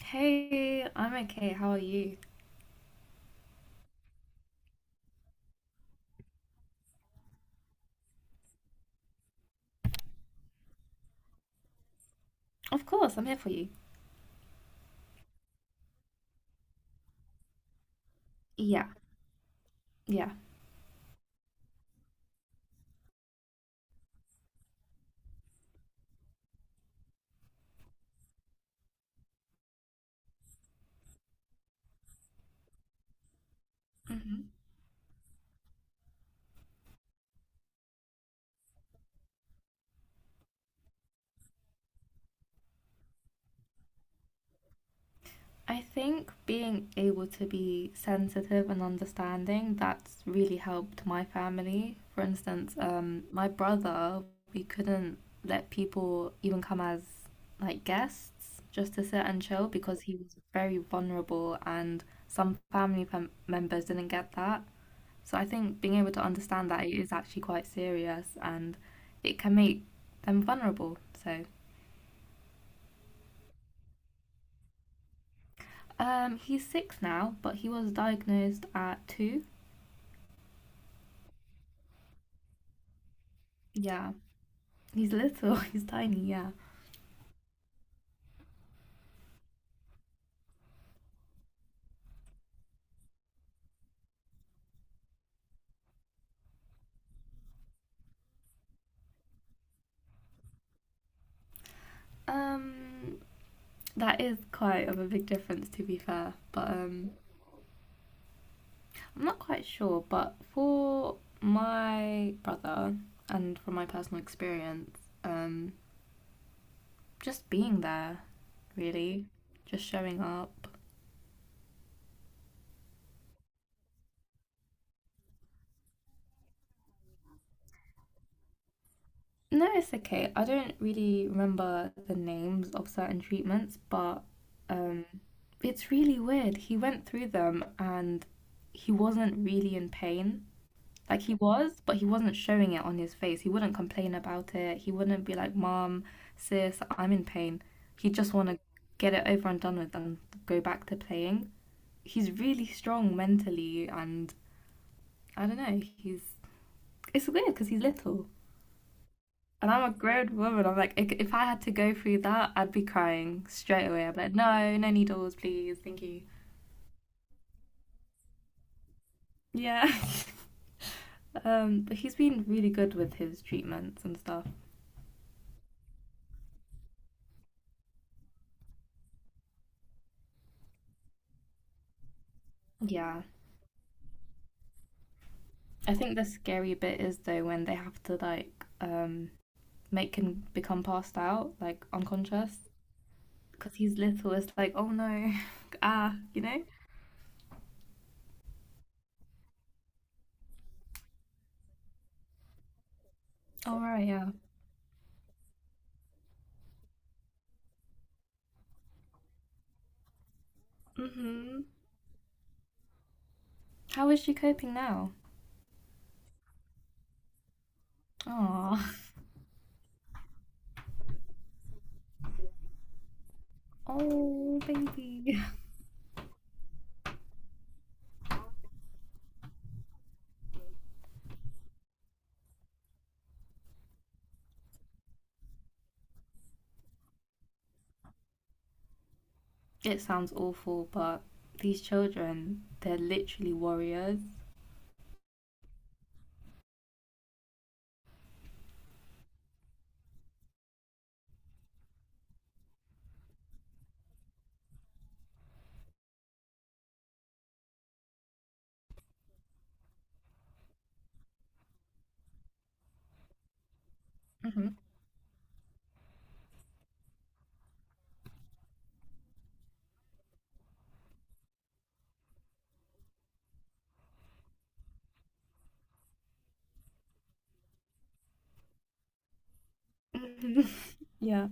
Hey, I'm okay. How are you? Of course, I'm here for you. Yeah, yeah. hmm I think being able to be sensitive and understanding, that's really helped my family. For instance, my brother, we couldn't let people even come as like guests just to sit and chill because he was very vulnerable and some fam members didn't get that. So I think being able to understand that it is actually quite serious and it can make them vulnerable. So he's 6 now, but he was diagnosed at 2. Yeah, he's little, he's tiny. Yeah. Um, that is quite of a big difference to be fair, but I'm not quite sure. But for my brother and from my personal experience, um, just being there really, just showing up. No, it's okay. I don't really remember the names of certain treatments, but um, it's really weird. He went through them and he wasn't really in pain. Like he was, but he wasn't showing it on his face. He wouldn't complain about it. He wouldn't be like, Mom, sis, I'm in pain. He just want to get it over and done with and go back to playing. He's really strong mentally, and I don't know. He's it's weird because he's little. And I'm a grown woman. I'm like, if I had to go through that, I'd be crying straight away. I'd be like, no, no needles, please, thank you. Yeah. But he's been really good with his treatments and stuff. Yeah. I think the scary bit is though when they have to like make him become passed out, like unconscious, because he's little. It's like, oh no, ah, you know. All right, yeah. Mhm. How is she coping now? Aw. Oh, baby. It sounds awful, but these children, they're literally warriors. Mhm. Yeah.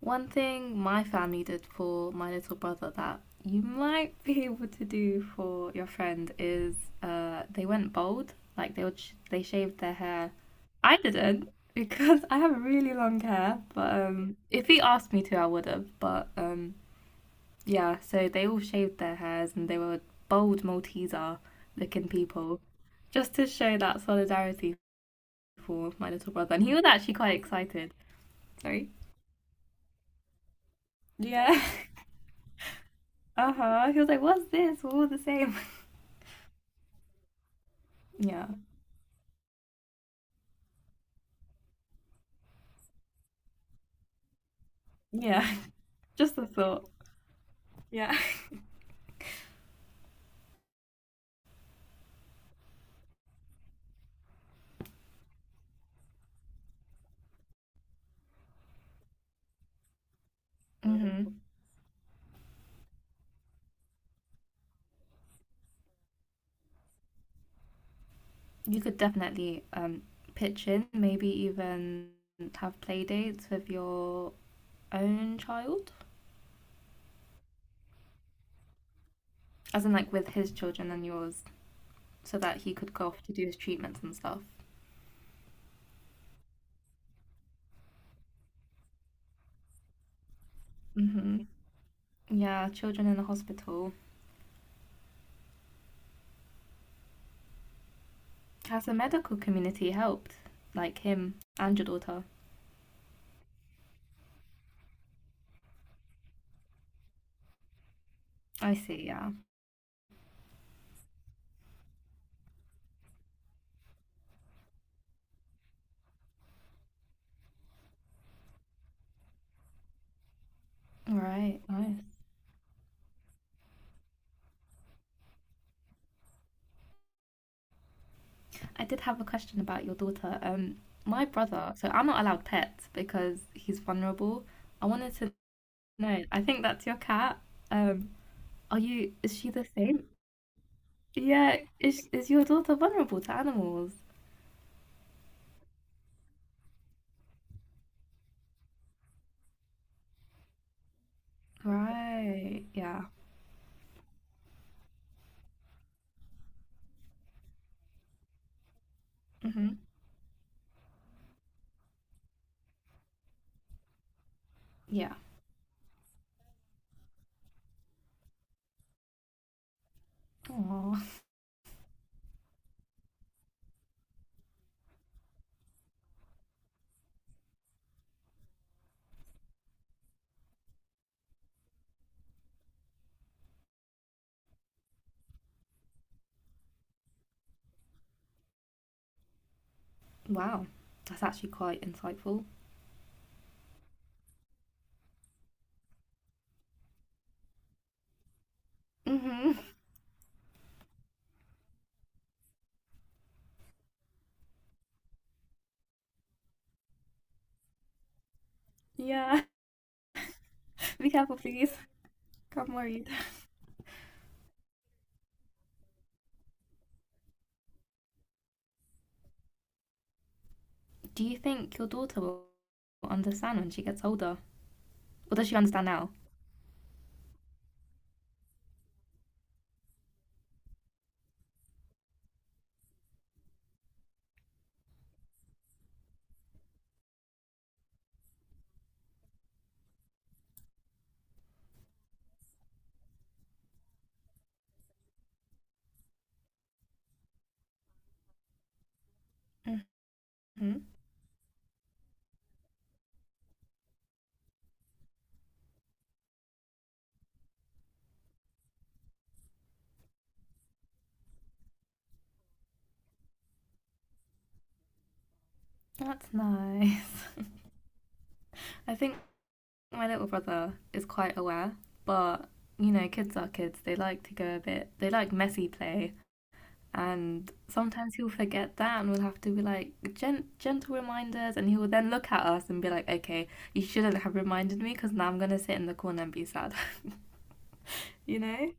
One thing my family did for my little brother that you might be able to do for your friend is they went bald. Like they would sh they shaved their hair. I didn't because I have really long hair, but if he asked me to, I would have, but yeah, so they all shaved their hairs and they were bold Malteser looking people just to show that solidarity for my little brother. And he was actually quite excited. Sorry? Yeah. Uh huh. He was like, what's this? We're all the same. Yeah. Yeah. Just a thought. Yeah. hmm You could definitely pitch in, maybe even have play dates with your own child, as in like with his children and yours, so that he could go off to do his treatments and stuff. Hmm Yeah, children in the hospital. Has the medical community helped? Like him and your daughter? I see, yeah. All right, nice. I did have a question about your daughter. My brother, so I'm not allowed pets because he's vulnerable. I wanted to know, I think that's your cat. Um, is she the same? Yeah, is your daughter vulnerable to animals? Right, yeah. Mm-hmm. Yeah. Aw, wow. That's actually quite insightful. Mm-hmm. Yeah. Be careful, please. I'm worried. Do you think your daughter will understand when she gets older? Or does she understand now? Hmm That's nice. I think my little brother is quite aware, but you know, kids are kids. They like to go a bit, they like messy play. And sometimes he'll forget that, and we'll have to be like gentle reminders. And he will then look at us and be like, okay, you shouldn't have reminded me because now I'm going to sit in the corner and be sad. you know?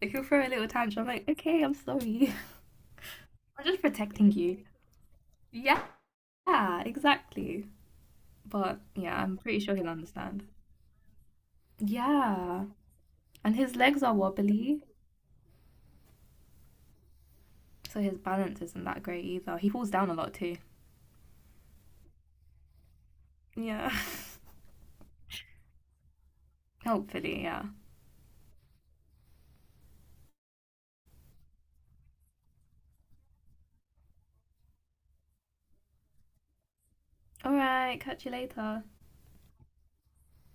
Like, he'll throw a little tantrum, I'm like, okay, I'm sorry. I'm just protecting you. Yeah, exactly. But yeah, I'm pretty sure he'll understand. Yeah. And his legs are wobbly, so his balance isn't that great either. He falls down a lot too. Yeah. Hopefully, yeah. All right, catch you later.